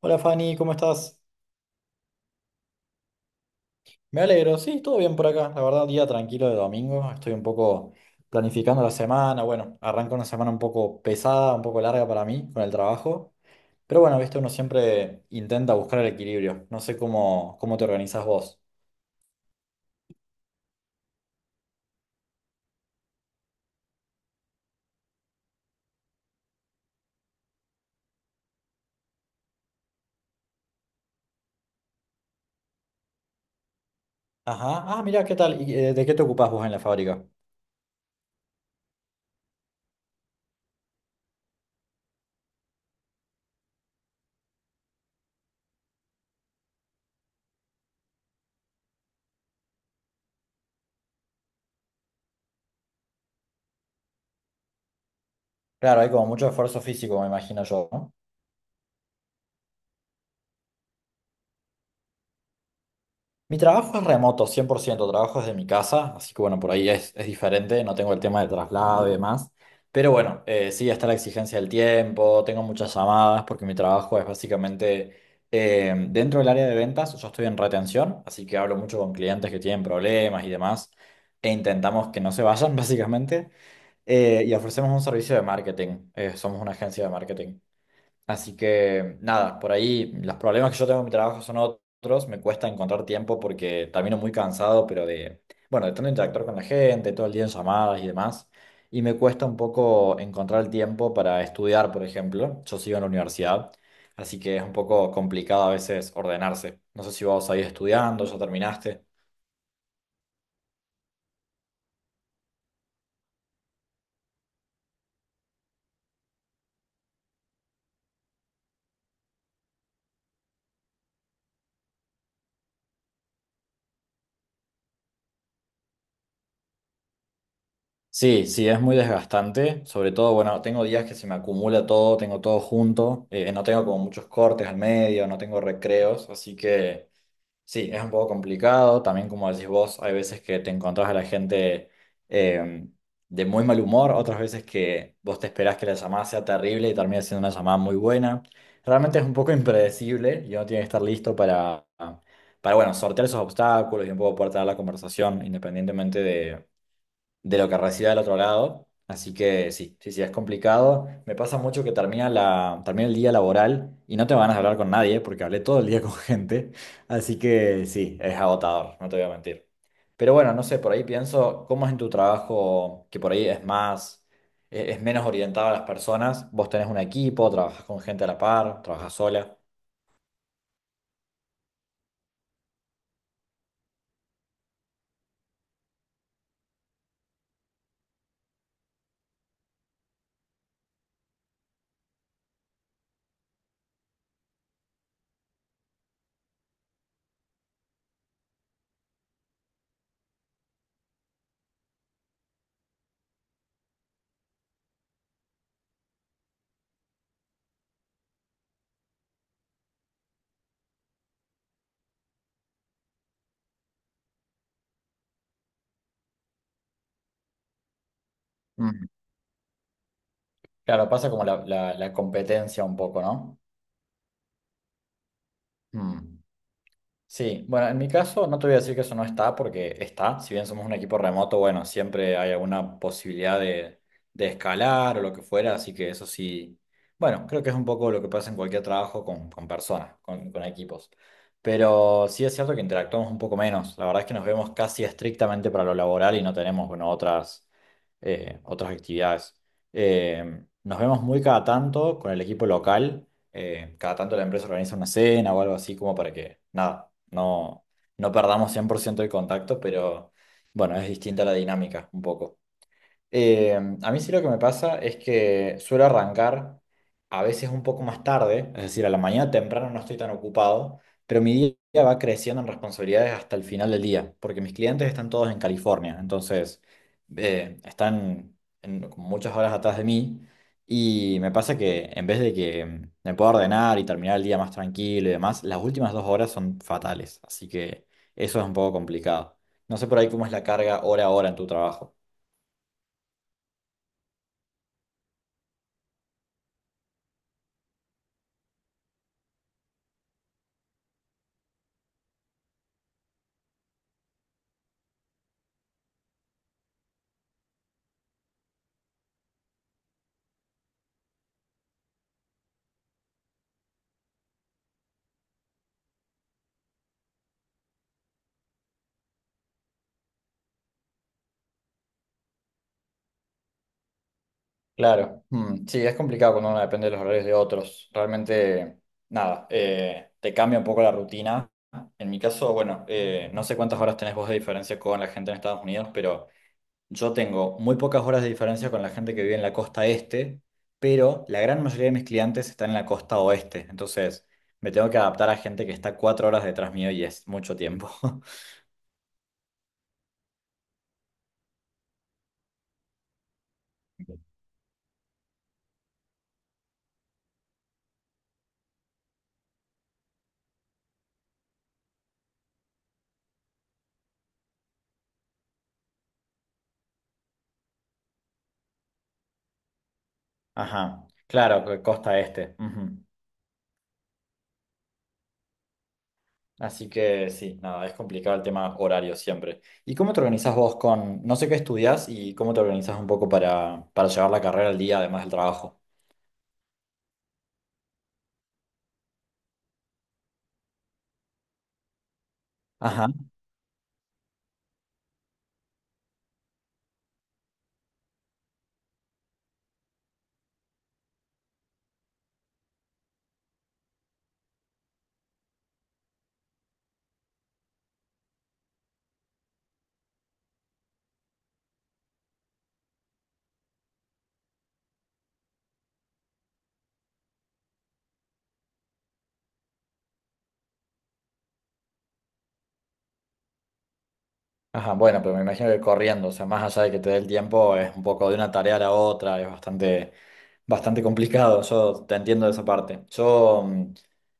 Hola Fanny, ¿cómo estás? Me alegro, sí, todo bien por acá. La verdad, día tranquilo de domingo. Estoy un poco planificando la semana. Bueno, arranca una semana un poco pesada, un poco larga para mí con el trabajo. Pero bueno, viste, uno siempre intenta buscar el equilibrio. No sé cómo te organizás vos. Ajá, ah, mira, ¿qué tal? ¿Y, de qué te ocupás vos en la fábrica? Claro, hay como mucho esfuerzo físico, me imagino yo, ¿no? Mi trabajo es remoto, 100%. Trabajo desde mi casa, así que bueno, por ahí es diferente, no tengo el tema de traslado y demás, pero bueno, sí está la exigencia del tiempo, tengo muchas llamadas porque mi trabajo es básicamente dentro del área de ventas, yo estoy en retención, así que hablo mucho con clientes que tienen problemas y demás, e intentamos que no se vayan básicamente, y ofrecemos un servicio de marketing, somos una agencia de marketing. Así que nada, por ahí los problemas que yo tengo en mi trabajo son otros, me cuesta encontrar tiempo porque termino muy cansado, pero de, bueno, de tanto interactuar con la gente, todo el día en llamadas y demás, y me cuesta un poco encontrar el tiempo para estudiar, por ejemplo, yo sigo en la universidad, así que es un poco complicado a veces ordenarse. No sé si vos ahí estudiando, ya terminaste. Sí, sí, es muy desgastante. Sobre todo, bueno, tengo días que se me acumula todo, tengo todo junto. No tengo como muchos cortes al medio, no tengo recreos. Así que sí, es un poco complicado. También, como decís vos, hay veces que te encontrás a la gente eh, de muy mal humor, otras veces que vos te esperás que la llamada sea terrible y termina siendo una llamada muy buena. Realmente es un poco impredecible y uno tiene que estar listo para bueno, sortear esos obstáculos y un poco poder tener la conversación independientemente de lo que reciba del otro lado. Así que sí, sí, sí, es complicado. Me pasa mucho que termina termina el día laboral y no te van a hablar con nadie porque hablé todo el día con gente. Así que sí, es agotador, no te voy a mentir. Pero bueno, no sé, por ahí pienso, ¿cómo es en tu trabajo que por ahí es es menos orientado a las personas? Vos tenés un equipo, trabajas con gente a la par, trabajas sola. Mm. Claro, pasa como la competencia un poco, ¿no? Mm. Sí, bueno, en mi caso no te voy a decir que eso no está porque está, si bien somos un equipo remoto, bueno, siempre hay alguna posibilidad de escalar o lo que fuera, así que eso sí, bueno, creo que es un poco lo que pasa en cualquier trabajo con personas, con equipos. Pero sí es cierto que interactuamos un poco menos, la verdad es que nos vemos casi estrictamente para lo laboral y no tenemos, bueno, otras, otras actividades. Nos vemos muy cada tanto con el equipo local cada tanto la empresa organiza una cena o algo así como para que, nada, no, no perdamos 100% el contacto, pero bueno, es distinta la dinámica un poco. Eh, a mí sí lo que me pasa es que suelo arrancar a veces un poco más tarde, es decir, a la mañana temprano no estoy tan ocupado, pero mi día va creciendo en responsabilidades hasta el final del día, porque mis clientes están todos en California, entonces están como muchas horas atrás de mí y me pasa que en vez de que me pueda ordenar y terminar el día más tranquilo y demás, las últimas dos horas son fatales, así que eso es un poco complicado. No sé por ahí cómo es la carga hora a hora en tu trabajo. Claro. Mm, sí, es complicado cuando uno depende de los horarios de otros. Realmente, nada, te cambia un poco la rutina. En mi caso, bueno, no sé cuántas horas tenés vos de diferencia con la gente en Estados Unidos, pero yo tengo muy pocas horas de diferencia con la gente que vive en la costa este, pero la gran mayoría de mis clientes están en la costa oeste. Entonces, me tengo que adaptar a gente que está cuatro horas detrás mío y es mucho tiempo. Ajá, claro, costa este. Ujú. Así que sí, nada, es complicado el tema horario siempre. ¿Y cómo te organizás vos con, no sé qué estudias y cómo te organizás un poco para llevar la carrera al día, además del trabajo? Ajá. Ajá, bueno, pero me imagino que corriendo, o sea, más allá de que te dé el tiempo, es un poco de una tarea a la otra, es bastante, bastante complicado, yo te entiendo de esa parte. Yo,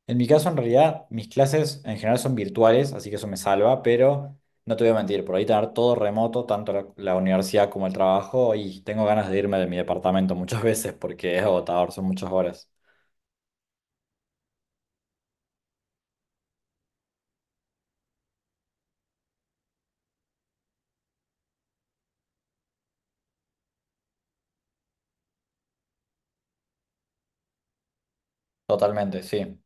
en mi caso, en realidad, mis clases en general son virtuales, así que eso me salva, pero no te voy a mentir, por ahí tener todo remoto, tanto la, la universidad como el trabajo, y tengo ganas de irme de mi departamento muchas veces porque es agotador, son muchas horas. Totalmente, sí.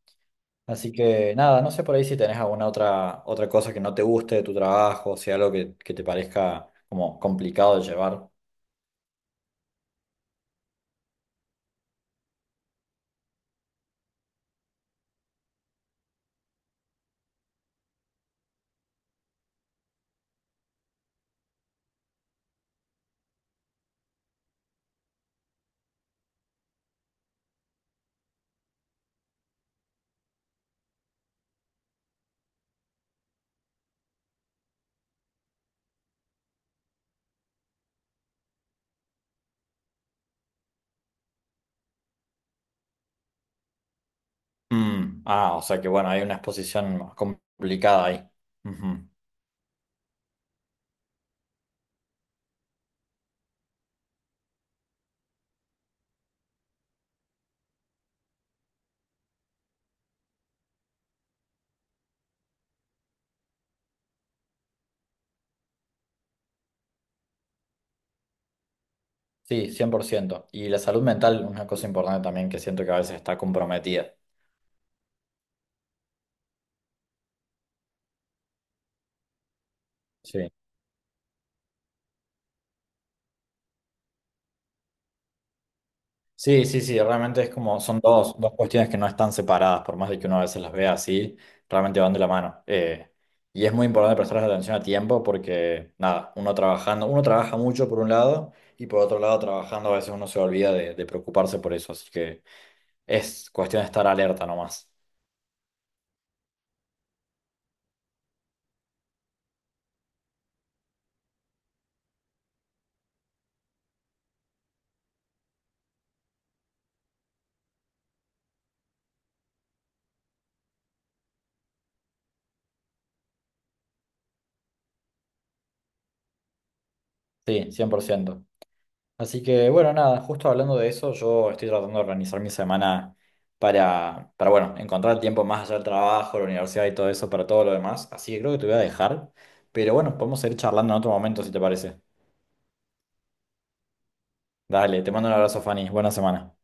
Así que nada, no sé por ahí si tenés alguna otra, otra cosa que no te guste de tu trabajo, o sea, algo que te parezca como complicado de llevar. Mm, ah, o sea que bueno, hay una exposición más complicada ahí. Ujú. Sí, 100%. Y la salud mental, una cosa importante también que siento que a veces está comprometida. Sí. Sí, sí, sí, realmente es como, son dos, dos cuestiones que no están separadas, por más de que uno a veces las vea así, realmente van de la mano. Y es muy importante prestarles atención a tiempo porque, nada, uno trabajando, uno trabaja mucho por un lado y por otro lado trabajando a veces uno se olvida de preocuparse por eso, así que es cuestión de estar alerta nomás. Sí, 100%. Así que bueno, nada, justo hablando de eso, yo estoy tratando de organizar mi semana para bueno, encontrar tiempo más allá del trabajo, la universidad y todo eso, para todo lo demás. Así que creo que te voy a dejar. Pero bueno, podemos seguir charlando en otro momento si te parece. Dale, te mando un abrazo, Fanny. Buena semana.